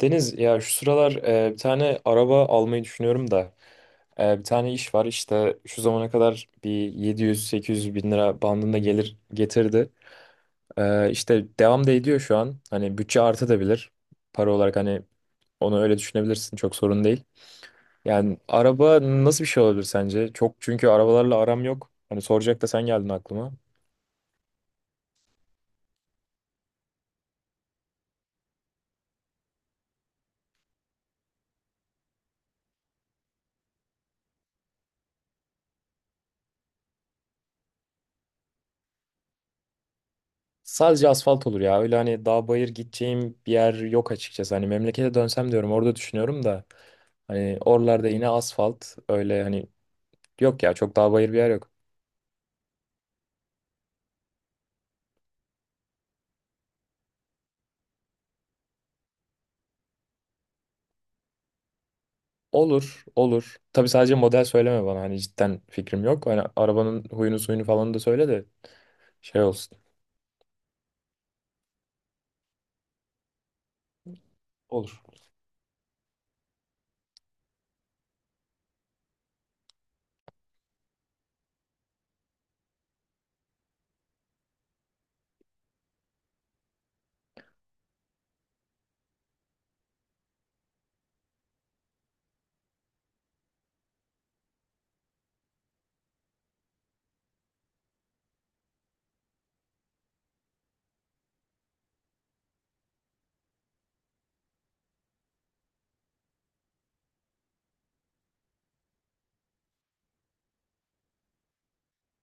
Deniz, ya şu sıralar bir tane araba almayı düşünüyorum da bir tane iş var işte şu zamana kadar bir 700-800 bin lira bandında gelir getirdi. İşte devam da ediyor şu an, hani bütçe artabilir para olarak, hani onu öyle düşünebilirsin, çok sorun değil. Yani araba nasıl bir şey olabilir sence? Çok, çünkü arabalarla aram yok. Hani soracak da sen geldin aklıma. Sadece asfalt olur ya, öyle hani dağ bayır gideceğim bir yer yok açıkçası, hani memlekete dönsem diyorum, orada düşünüyorum da. Hani oralarda yine asfalt öyle hani, yok ya çok dağ bayır bir yer yok. Olur, olur. Tabii sadece model söyleme bana, hani cidden fikrim yok. Hani arabanın huyunu suyunu falan da söyle de şey olsun. Olur.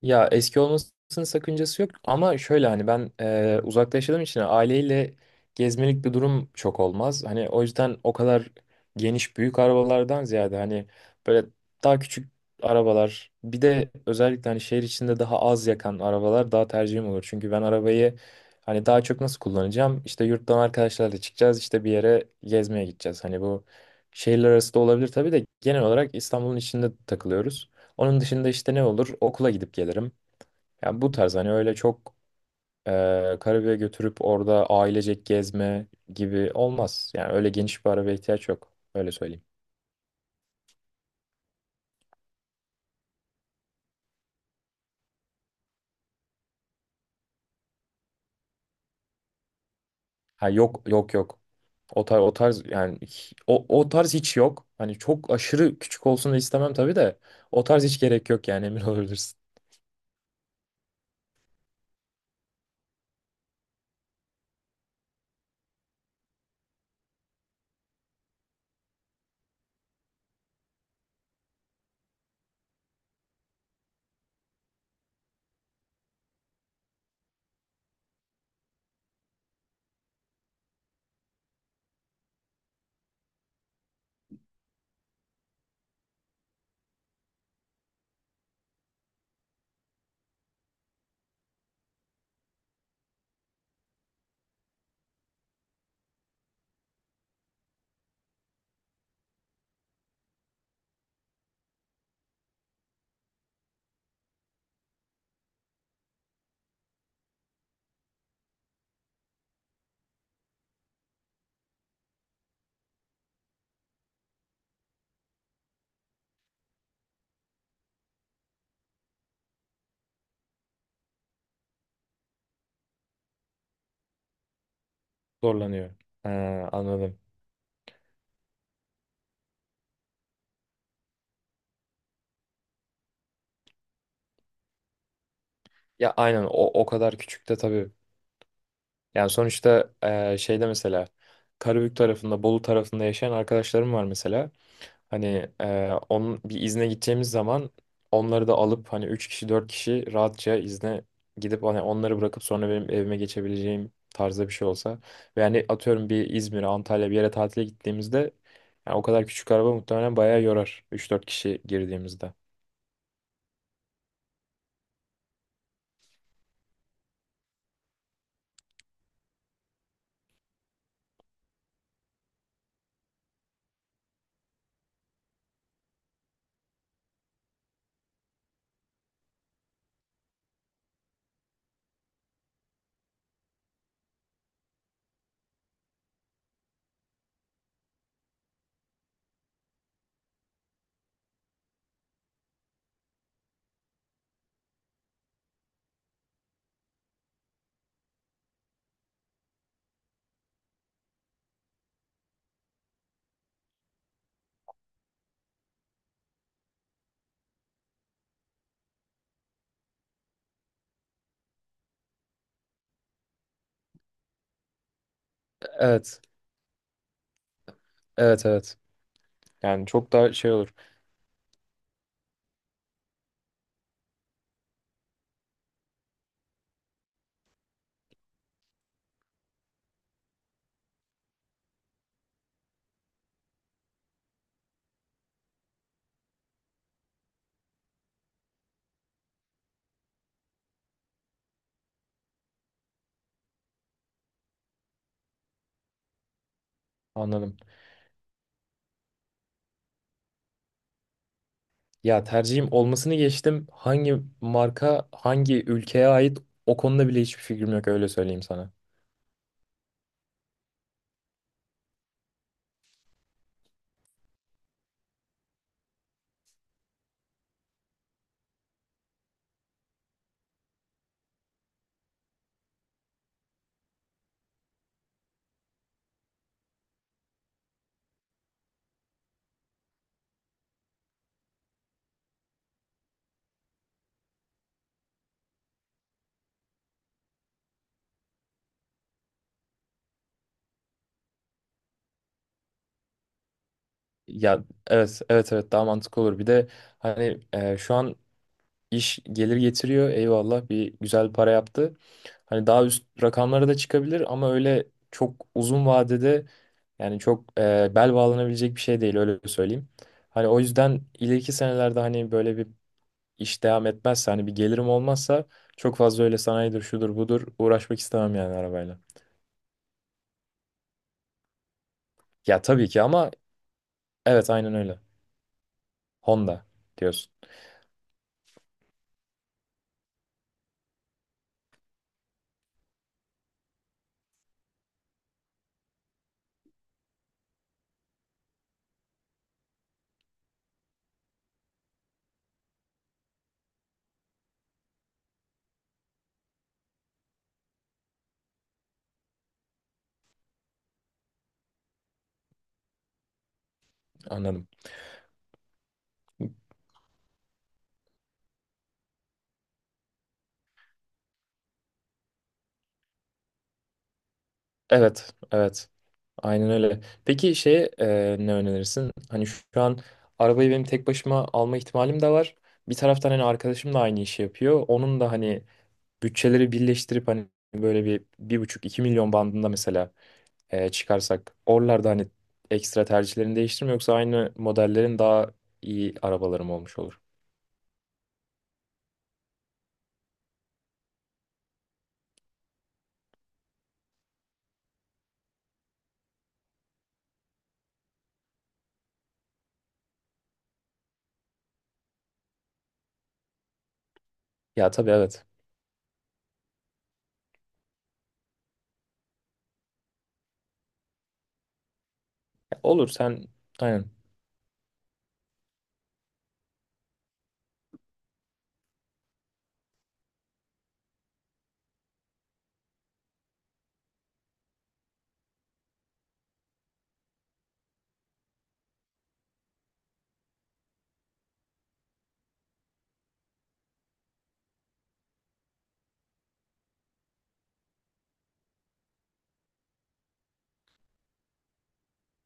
Ya eski olmasının sakıncası yok ama şöyle hani ben uzakta yaşadığım için aileyle gezmelik bir durum çok olmaz. Hani o yüzden o kadar geniş büyük arabalardan ziyade hani böyle daha küçük arabalar, bir de özellikle hani şehir içinde daha az yakan arabalar daha tercihim olur. Çünkü ben arabayı hani daha çok nasıl kullanacağım? İşte yurttan arkadaşlarla çıkacağız, işte bir yere gezmeye gideceğiz. Hani bu şehirler arası da olabilir tabii de genel olarak İstanbul'un içinde takılıyoruz. Onun dışında işte ne olur? Okula gidip gelirim. Yani bu tarz hani, öyle çok Karabük'e götürüp orada ailecek gezme gibi olmaz. Yani öyle geniş bir arabaya ihtiyaç yok. Öyle söyleyeyim. Ha, yok yok yok. O tarz, o tarz yani o tarz hiç yok. Hani çok aşırı küçük olsun da istemem tabii de, o tarz hiç gerek yok yani emin olabilirsin. Zorlanıyor. Ha, anladım. Ya aynen o kadar küçük de tabii. Yani sonuçta şeyde mesela Karabük tarafında, Bolu tarafında yaşayan arkadaşlarım var mesela. Hani onun bir izne gideceğimiz zaman onları da alıp hani 3 kişi 4 kişi rahatça izne gidip hani onları bırakıp sonra benim evime geçebileceğim tarzda bir şey olsa. Ve hani atıyorum bir İzmir'e, Antalya bir yere tatile gittiğimizde yani o kadar küçük araba muhtemelen bayağı yorar 3-4 kişi girdiğimizde. Evet. Evet, evet. Yani çok daha şey olur. Anladım. Ya tercihim olmasını geçtim. Hangi marka, hangi ülkeye ait, o konuda bile hiçbir fikrim yok, öyle söyleyeyim sana. Ya evet evet evet, daha mantıklı olur. Bir de hani şu an iş gelir getiriyor. Eyvallah, bir güzel para yaptı. Hani daha üst rakamlara da çıkabilir ama öyle çok uzun vadede yani çok bel bağlanabilecek bir şey değil, öyle söyleyeyim. Hani o yüzden ileriki senelerde hani böyle bir iş devam etmezse, hani bir gelirim olmazsa, çok fazla öyle sanayidir şudur budur uğraşmak istemem yani arabayla. Ya tabii ki ama evet, aynen öyle. Honda diyorsun. Anladım. Evet, evet. Aynen öyle. Peki şeye ne önerirsin? Hani şu an arabayı benim tek başıma alma ihtimalim de var. Bir taraftan hani arkadaşım da aynı işi yapıyor. Onun da hani bütçeleri birleştirip hani böyle 1,5-2 milyon bandında mesela çıkarsak oralarda hani ekstra tercihlerini değiştirme, yoksa aynı modellerin daha iyi arabalarım olmuş olur. Ya tabii evet. Ya olur, sen aynen.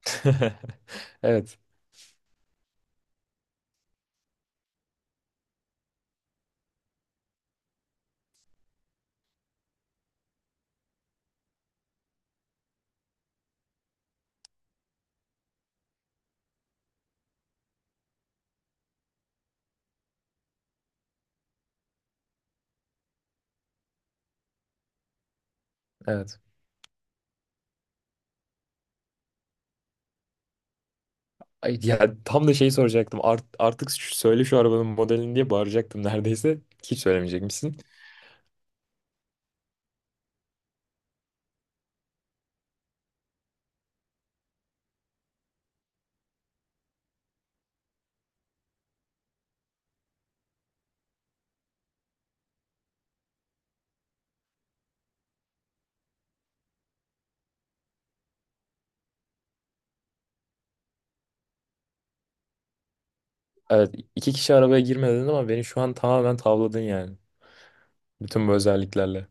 Evet. Evet. Ay ya, tam da şeyi soracaktım. Artık söyle şu arabanın modelini diye bağıracaktım neredeyse. Hiç söylemeyecekmişsin. Evet, 2 kişi arabaya girmedin ama beni şu an tamamen tavladın yani. Bütün bu özelliklerle.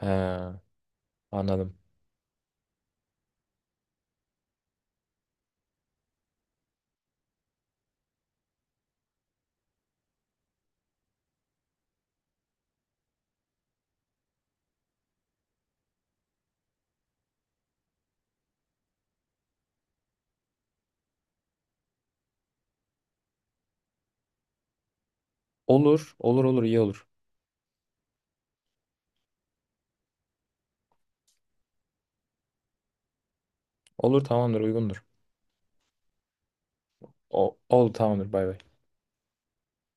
He, anladım. Olur olur olur, iyi olur. Olur, tamamdır, uygundur. Oldu, tamamdır, bay bay.